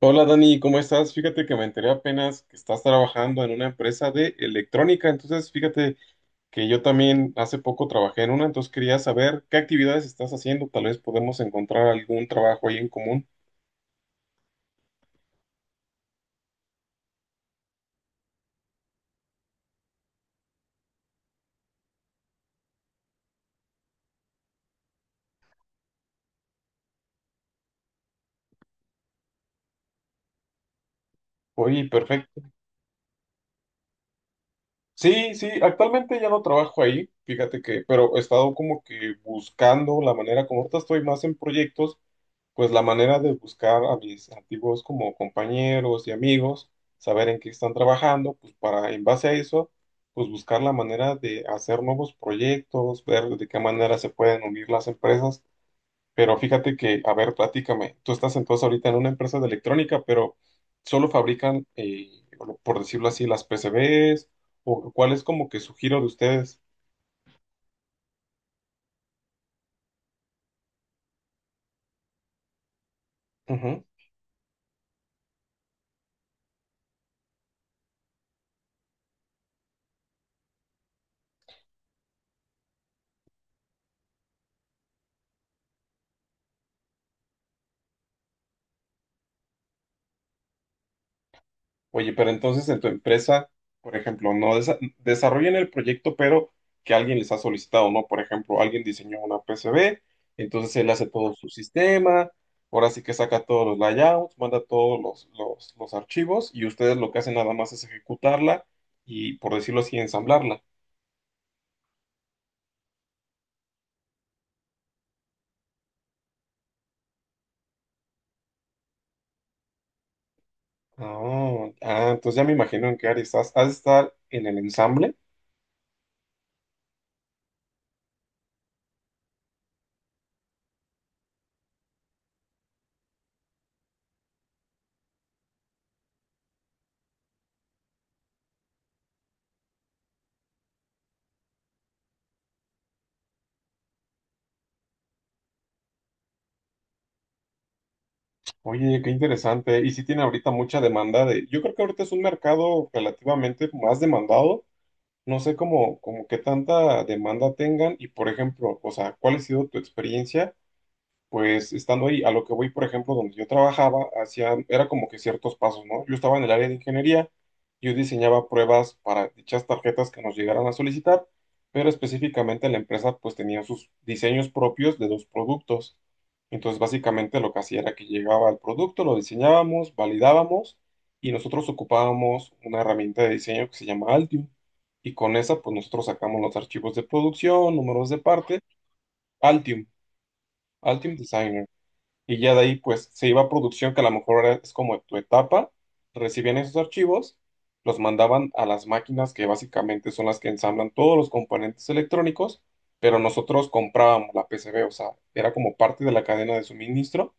Hola Dani, ¿cómo estás? Fíjate que me enteré apenas que estás trabajando en una empresa de electrónica, entonces fíjate que yo también hace poco trabajé en una, entonces quería saber qué actividades estás haciendo, tal vez podemos encontrar algún trabajo ahí en común. Oye, perfecto. Sí, sí, actualmente ya no trabajo ahí, fíjate que, pero he estado como que buscando la manera como ahorita estoy más en proyectos. Pues la manera de buscar a mis antiguos como compañeros y amigos, saber en qué están trabajando, pues para en base a eso, pues buscar la manera de hacer nuevos proyectos, ver de qué manera se pueden unir las empresas. Pero fíjate que, a ver, platícame, tú estás entonces ahorita en una empresa de electrónica, pero solo fabrican, por decirlo así, las PCBs, o cuál es como que su giro de ustedes. Ujú. Oye, pero entonces en tu empresa, por ejemplo, no desarrollan el proyecto, pero que alguien les ha solicitado, ¿no? Por ejemplo, alguien diseñó una PCB, entonces él hace todo su sistema, ahora sí que saca todos los layouts, manda todos los archivos y ustedes lo que hacen nada más es ejecutarla y, por decirlo así, ensamblarla. Ah, ah, entonces ya me imagino en qué área estás. ¿Has de estar en el ensamble? Oye, qué interesante. Y sí tiene ahorita mucha demanda de. Yo creo que ahorita es un mercado relativamente más demandado. No sé cómo, como qué tanta demanda tengan y, por ejemplo, o sea, ¿cuál ha sido tu experiencia? Pues estando ahí, a lo que voy, por ejemplo, donde yo trabajaba, hacía, era como que ciertos pasos, ¿no? Yo estaba en el área de ingeniería, yo diseñaba pruebas para dichas tarjetas que nos llegaran a solicitar, pero específicamente la empresa pues tenía sus diseños propios de los productos. Entonces, básicamente lo que hacía era que llegaba el producto, lo diseñábamos, validábamos y nosotros ocupábamos una herramienta de diseño que se llama Altium. Y con esa, pues nosotros sacamos los archivos de producción, números de parte, Altium, Altium Designer y ya de ahí pues se iba a producción que a lo mejor es como tu etapa, recibían esos archivos, los mandaban a las máquinas que básicamente son las que ensamblan todos los componentes electrónicos, pero nosotros comprábamos la PCB, o sea, era como parte de la cadena de suministro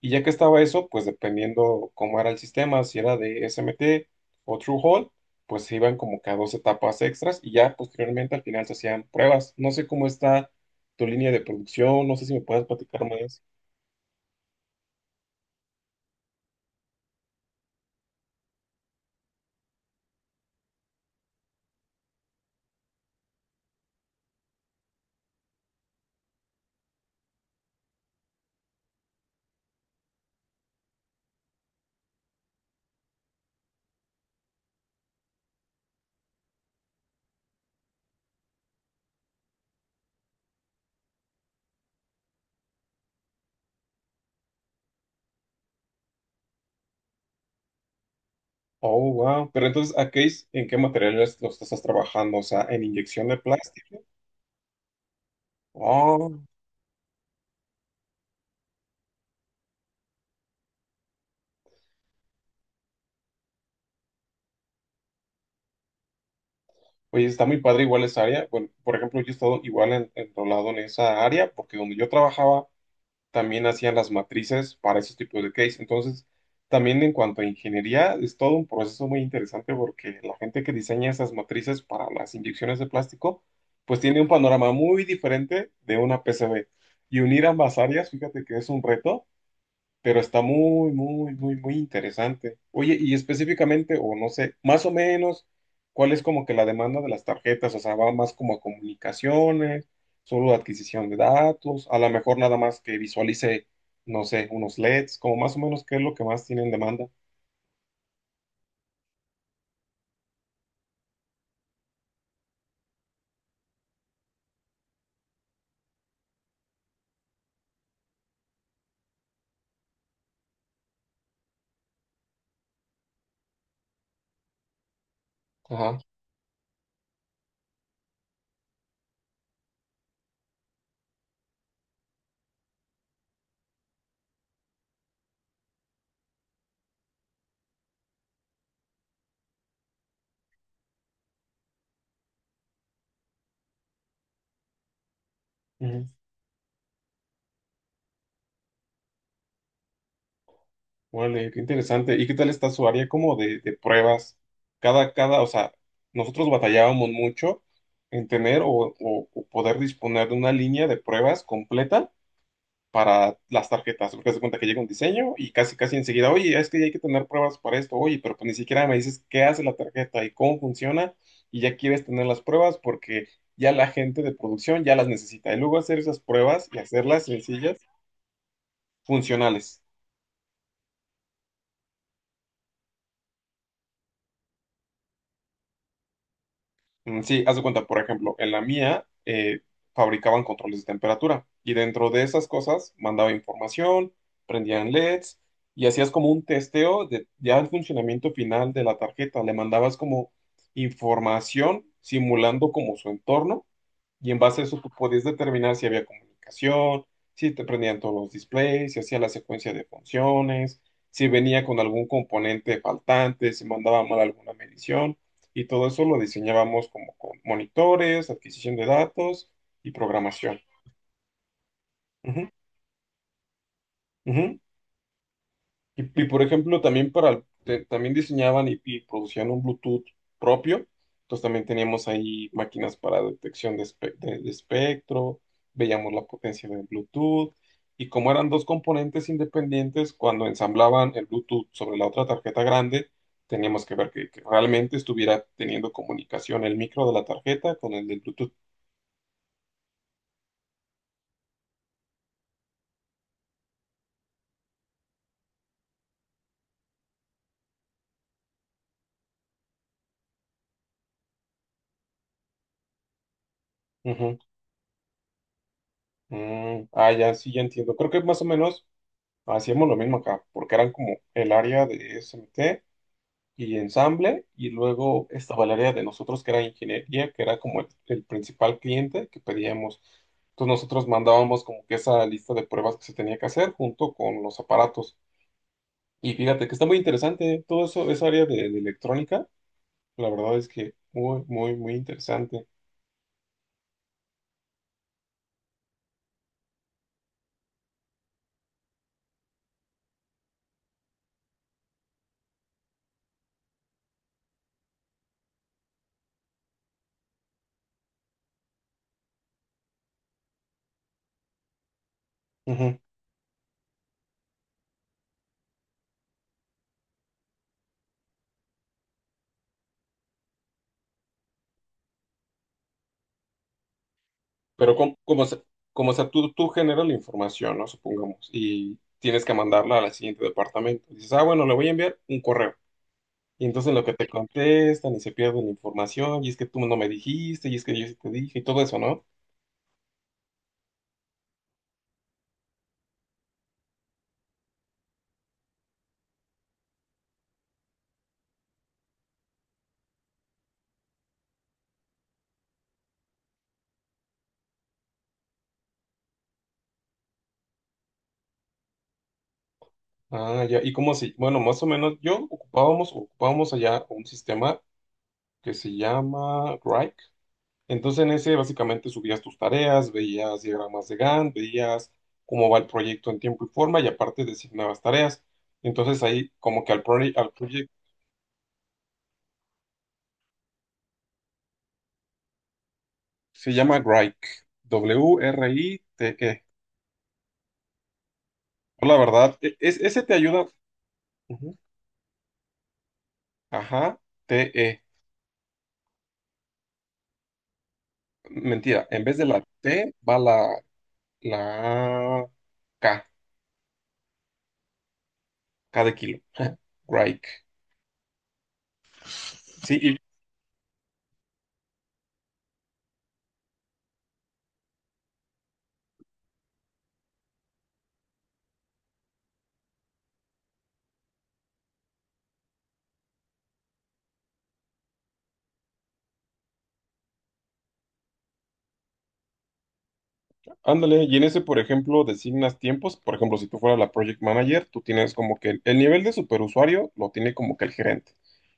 y ya que estaba eso, pues dependiendo cómo era el sistema, si era de SMT o True Hall, pues se iban como que a dos etapas extras y ya posteriormente al final se hacían pruebas. No sé cómo está tu línea de producción, no sé si me puedes platicar más. Oh, wow. Pero entonces, ¿a qué en qué materiales los estás trabajando? O sea, ¿en inyección de plástico? Oh, oye, está muy padre igual esa área. Bueno, por ejemplo, yo he estado igual en, enrolado en esa área porque donde yo trabajaba también hacían las matrices para esos tipos de case. Entonces, también en cuanto a ingeniería, es todo un proceso muy interesante porque la gente que diseña esas matrices para las inyecciones de plástico, pues tiene un panorama muy diferente de una PCB. Y unir ambas áreas, fíjate que es un reto pero está muy, muy, muy, muy interesante. Oye, y específicamente, o no sé, más o menos, ¿cuál es como que la demanda de las tarjetas? O sea, va más como a comunicaciones, solo adquisición de datos, a lo mejor nada más que visualice, no sé, unos LEDs, como más o menos qué es lo que más tienen demanda. Ajá. Ujú. Vale, qué interesante. ¿Y qué tal está su área como de pruebas? Cada, o sea, nosotros batallábamos mucho en tener o poder disponer de una línea de pruebas completa para las tarjetas, porque se cuenta que llega un diseño y casi casi enseguida, oye, es que hay que tener pruebas para esto, oye, pero pues ni siquiera me dices qué hace la tarjeta y cómo funciona y ya quieres tener las pruebas porque ya la gente de producción ya las necesita. Y luego hacer esas pruebas y hacerlas sencillas, funcionales. Mm, sí, haz de cuenta, por ejemplo, en la mía fabricaban controles de temperatura y dentro de esas cosas mandaba información, prendían LEDs y hacías como un testeo de ya el funcionamiento final de la tarjeta. Le mandabas como información simulando como su entorno y en base a eso tú podías determinar si había comunicación, si te prendían todos los displays, si hacía la secuencia de funciones, si venía con algún componente faltante, si mandaba mal alguna medición. Y todo eso lo diseñábamos como con monitores, adquisición de datos y programación. Ujú, ujú. Y, por ejemplo, también para también diseñaban y producían un Bluetooth propio. Entonces también teníamos ahí máquinas para detección de espectro, veíamos la potencia del Bluetooth. Y como eran dos componentes independientes, cuando ensamblaban el Bluetooth sobre la otra tarjeta grande, teníamos que ver que realmente estuviera teniendo comunicación el micro de la tarjeta con el del Bluetooth. Ujú. Mm, ah, ya, sí, ya entiendo. Creo que más o menos hacíamos lo mismo acá, porque eran como el área de SMT y ensamble, y luego estaba el área de nosotros que era ingeniería, que era como el principal cliente que pedíamos. Entonces nosotros mandábamos como que esa lista de pruebas que se tenía que hacer junto con los aparatos. Y fíjate que está muy interesante, ¿eh? Todo eso, esa área de electrónica, la verdad es que muy, muy, muy interesante. Ujú. Pero como sea, tú generas la información, ¿no? Supongamos, y tienes que mandarla al siguiente departamento. Dices, ah, bueno, le voy a enviar un correo. Y entonces lo que te contestan y se pierden la información, y es que tú no me dijiste, y es que yo sí te dije, y todo eso, ¿no? Ah, ya, y como si, bueno, más o menos yo ocupábamos allá un sistema que se llama Grok. Entonces en ese básicamente subías tus tareas, veías diagramas de Gantt, veías cómo va el proyecto en tiempo y forma, y aparte designabas tareas. Entonces ahí como que al proyecto se llama Grok, WRITE. Yo, la verdad, ese te ayuda. Ujú. Ajá, t e, mentira, en vez de la T va la K, K de kilo. Grike. Sí, ándale, y en ese, por ejemplo, designas tiempos. Por ejemplo, si tú fueras la project manager, tú tienes como que el nivel de superusuario lo tiene como que el gerente.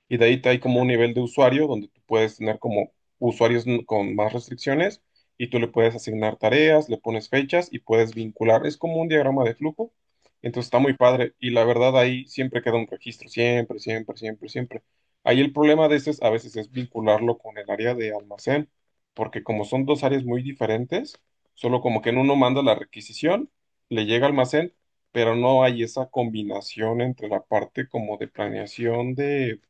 Y de ahí te hay como un nivel de usuario donde tú puedes tener como usuarios con más restricciones y tú le puedes asignar tareas, le pones fechas y puedes vincular. Es como un diagrama de flujo. Entonces está muy padre. Y la verdad, ahí siempre queda un registro, siempre, siempre, siempre, siempre. Ahí el problema de este es, a veces es vincularlo con el área de almacén, porque como son dos áreas muy diferentes. Solo como que en uno manda la requisición, le llega al almacén, pero no hay esa combinación entre la parte como de planeación de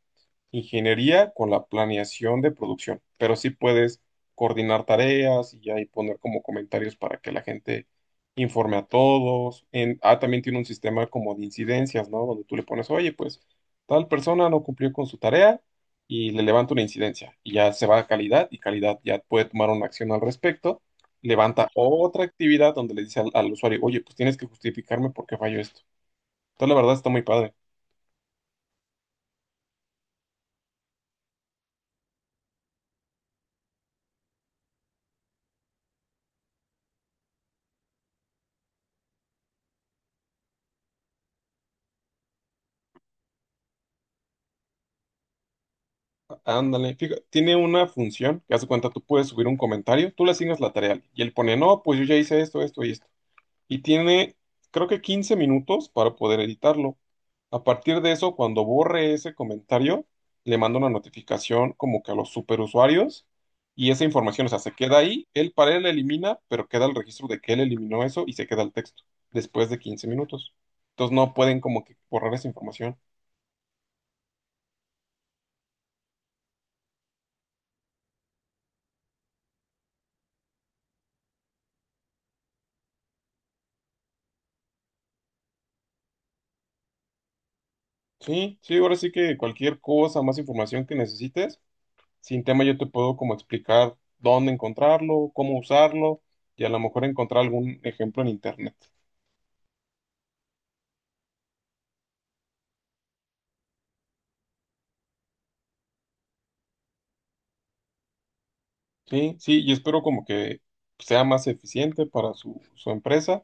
ingeniería con la planeación de producción, pero sí puedes coordinar tareas y ahí poner como comentarios para que la gente informe a todos. Ah, también tiene un sistema como de incidencias, ¿no? Donde tú le pones, oye, pues tal persona no cumplió con su tarea y le levanta una incidencia y ya se va a calidad y calidad ya puede tomar una acción al respecto. Levanta otra actividad donde le dice al usuario, oye, pues tienes que justificarme por qué falló esto. Entonces, la verdad está muy padre. Ándale, fíjate, tiene una función que hace cuenta, tú puedes subir un comentario, tú le asignas la tarea y él pone, no, pues yo ya hice esto, esto y esto. Y tiene, creo que 15 minutos para poder editarlo. A partir de eso, cuando borre ese comentario, le manda una notificación como que a los superusuarios y esa información, o sea, se queda ahí, él para él la elimina, pero queda el registro de que él eliminó eso y se queda el texto después de 15 minutos. Entonces no pueden como que borrar esa información. Sí, sí, ahora sí que cualquier cosa, más información que necesites, sin tema yo te puedo como explicar dónde encontrarlo, cómo usarlo y a lo mejor encontrar algún ejemplo en internet. Sí, sí, y espero como que sea más eficiente para su empresa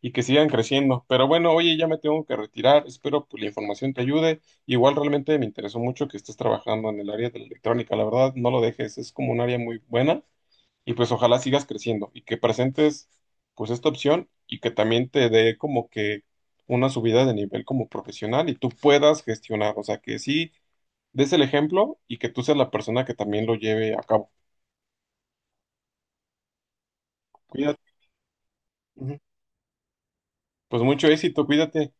y que sigan creciendo. Pero bueno, oye, ya me tengo que retirar, espero que la información te ayude. Igual realmente me interesó mucho que estés trabajando en el área de la electrónica, la verdad, no lo dejes, es como un área muy buena. Y pues ojalá sigas creciendo y que presentes pues esta opción y que también te dé como que una subida de nivel como profesional y tú puedas gestionar, o sea, que sí des el ejemplo y que tú seas la persona que también lo lleve a cabo. Cuídate, ujú. Pues mucho éxito, cuídate.